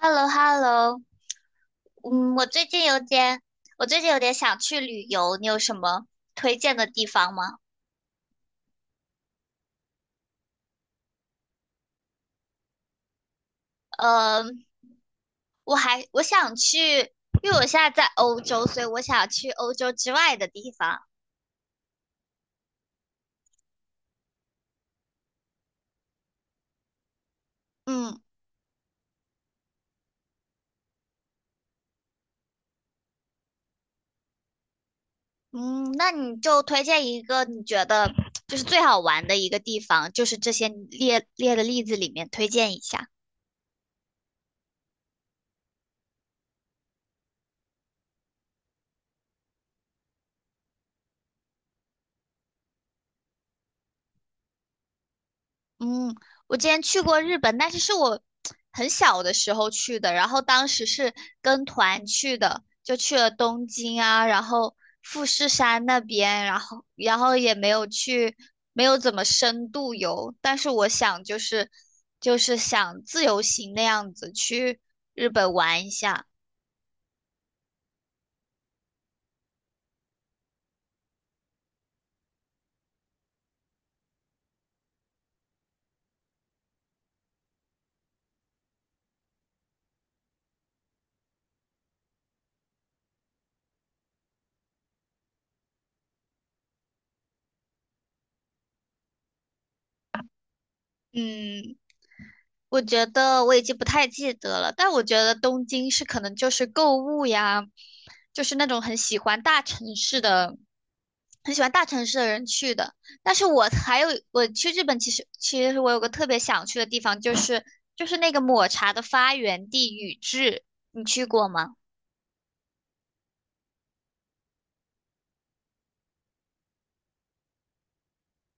h e l l o h e l l o 嗯，我最近有点，我最近有点想去旅游，你有什么推荐的地方吗？呃，我想去，因为我现在在欧洲，所以我想去欧洲之外的地方。嗯嗯，那你就推荐一个你觉得就是最好玩的一个地方，就是这些你列的例子里面推荐一下。嗯，我之前去过日本，但是是我很小的时候去的，然后当时是跟团去的，就去了东京啊，然后富士山那边，然后也没有去，没有怎么深度游，但是我想就是想自由行那样子去日本玩一下。嗯，我觉得我已经不太记得了，但我觉得东京是可能就是购物呀，就是那种很喜欢大城市的。很喜欢大城市的人去的。但是我还有我去日本，其实我有个特别想去的地方，就是那个抹茶的发源地宇治，你去过吗？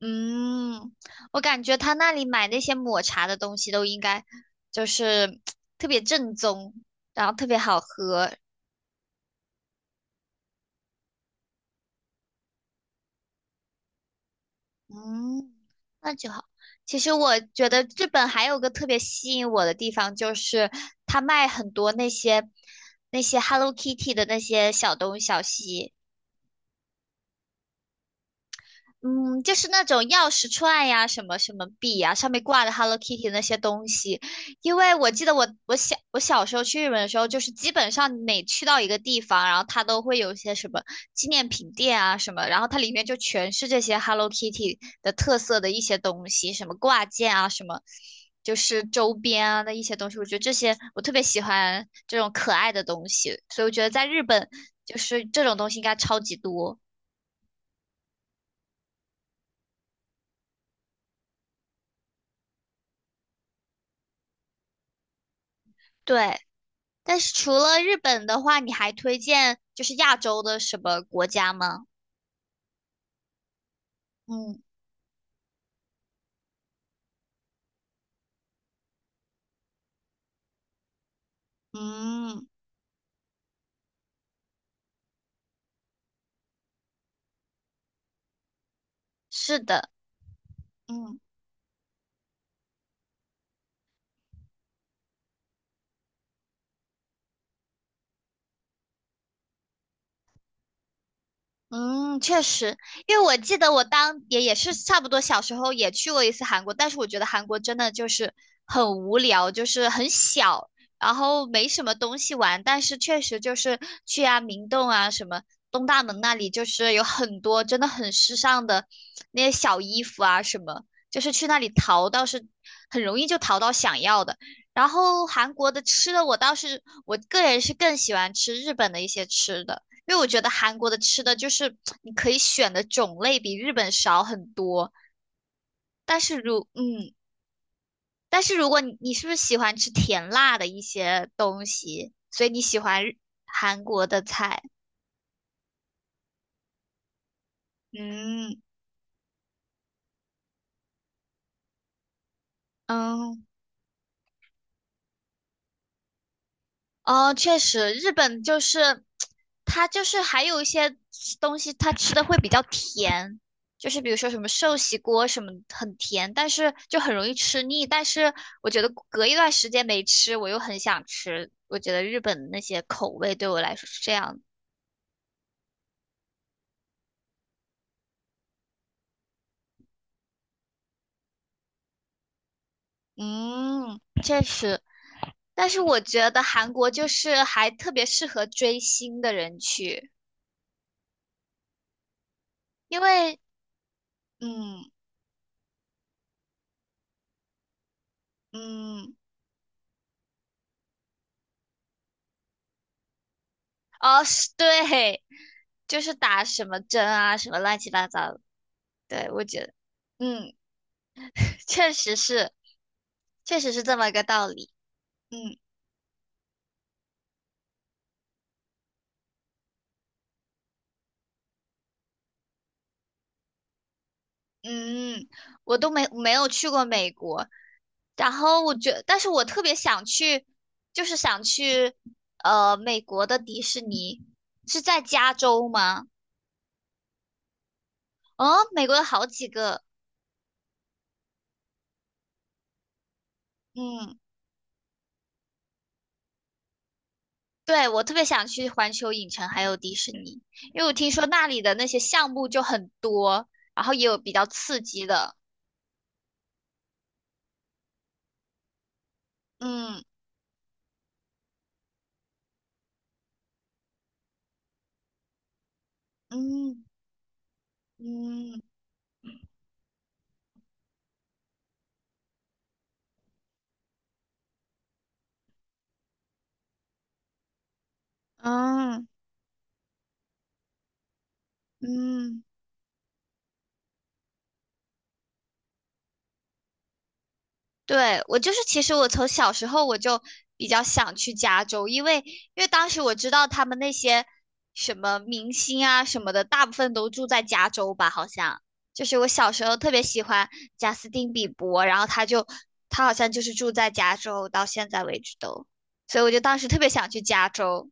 嗯，我感觉他那里买那些抹茶的东西都应该就是特别正宗，然后特别好喝，嗯，那就好。其实我觉得日本还有个特别吸引我的地方，就是它卖很多那些 Hello Kitty 的那些小东小西，嗯，就是那种钥匙串呀，什么什么币呀，上面挂的 Hello Kitty 那些东西。因为我记得我我小时候去日本的时候，就是基本上每去到一个地方，然后它都会有一些什么纪念品店啊什么，然后它里面就全是这些 Hello Kitty 的特色的一些东西，什么挂件啊，什么就是周边啊的一些东西。我觉得这些我特别喜欢这种可爱的东西，所以我觉得在日本就是这种东西应该超级多。对。但是除了日本的话，你还推荐就是亚洲的什么国家吗？嗯嗯，是的，嗯。嗯，确实，因为我记得我当也是差不多小时候也去过一次韩国，但是我觉得韩国真的就是很无聊，就是很小，然后没什么东西玩，但是确实就是去啊明洞啊什么东大门那里，就是有很多真的很时尚的那些小衣服啊什么，就是去那里淘倒是很容易就淘到想要的。然后韩国的吃的我倒是我个人是更喜欢吃日本的一些吃的。因为我觉得韩国的吃的就是你可以选的种类比日本少很多，但是但是如果你是不是喜欢吃甜辣的一些东西，所以你喜欢韩国的菜？嗯嗯，哦，确实，日本就是它就是还有一些东西，它吃的会比较甜，就是比如说什么寿喜锅什么很甜，但是就很容易吃腻。但是我觉得隔一段时间没吃，我又很想吃。我觉得日本那些口味对我来说是这样的。嗯，确实，但是我觉得韩国就是还特别适合追星的人去，因为嗯嗯。哦，是对，就是打什么针啊，什么乱七八糟的。对，我觉得，嗯，确实是，确实是这么个道理。嗯嗯，我都没有去过美国，然后我觉但是我特别想去，就是想去，美国的迪士尼是在加州吗？哦，美国有好几个，嗯。对，我特别想去环球影城还有迪士尼，因为我听说那里的那些项目就很多，然后也有比较刺激的。嗯嗯嗯嗯嗯。对，我就是，其实我从小时候我就比较想去加州，因为当时我知道他们那些什么明星啊什么的，大部分都住在加州吧，好像。就是我小时候特别喜欢贾斯汀比伯，然后他好像就是住在加州，到现在为止都，所以我就当时特别想去加州。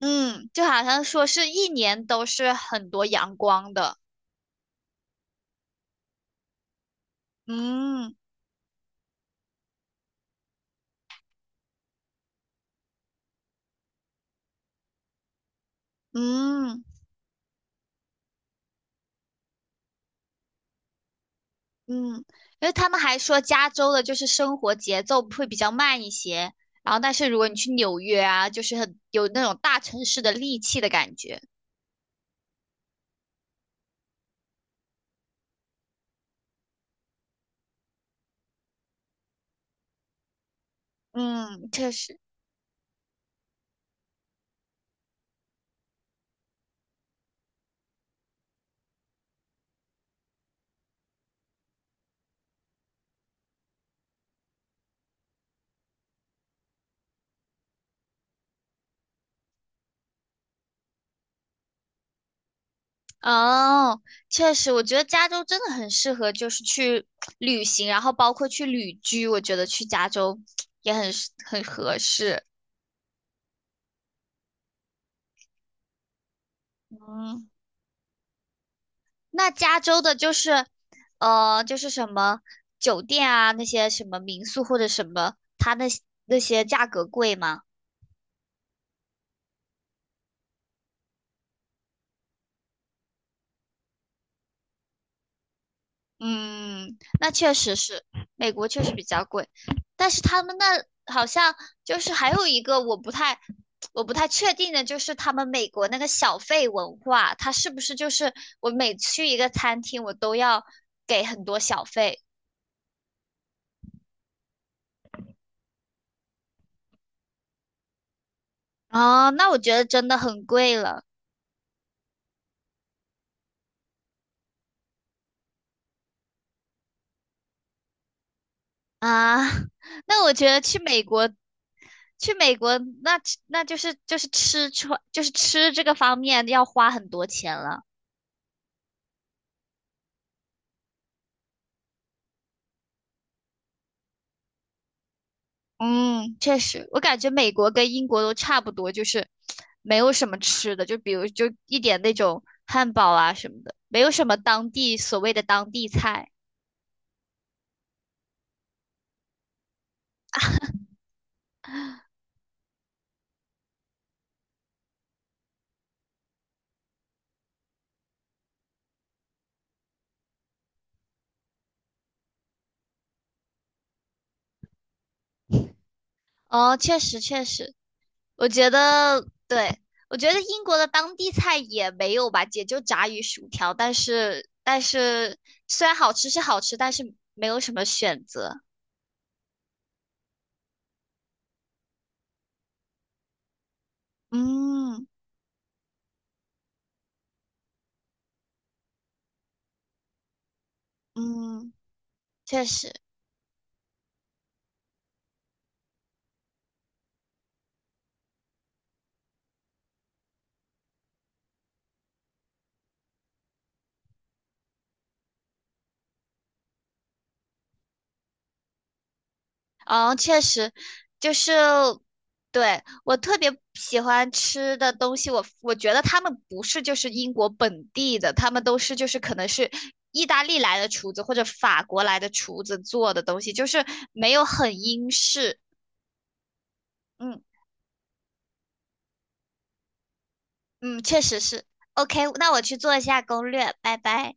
嗯，就好像说是一年都是很多阳光的。嗯嗯。嗯，因为他们还说加州的就是生活节奏会比较慢一些，然后但是如果你去纽约啊，就是很有那种大城市的戾气的感觉。嗯，确实，哦，确实，我觉得加州真的很适合就是去旅行，然后包括去旅居，我觉得去加州也很合适。嗯，那加州的就是，就是什么酒店啊，那些什么民宿或者什么，它那那些价格贵吗？嗯，那确实是，美国确实比较贵，但是他们那好像就是还有一个我不太确定的，就是他们美国那个小费文化，它是不是就是我每去一个餐厅，我都要给很多小费？哦，那我觉得真的很贵了啊。那我觉得去美国，去美国那那就是吃穿就是吃这个方面要花很多钱了。嗯，确实，我感觉美国跟英国都差不多，就是没有什么吃的，就比如就一点那种汉堡啊什么的，没有什么当地所谓的当地菜。哦，确实，我觉得对，我觉得英国的当地菜也没有吧，也就炸鱼薯条，但是虽然好吃是好吃，但是没有什么选择。嗯嗯，确实。嗯，确实，就是对我特别喜欢吃的东西，我觉得他们不是就是英国本地的，他们都是就是可能是意大利来的厨子或者法国来的厨子做的东西，就是没有很英式。嗯嗯，确实是。OK,那我去做一下攻略，拜拜。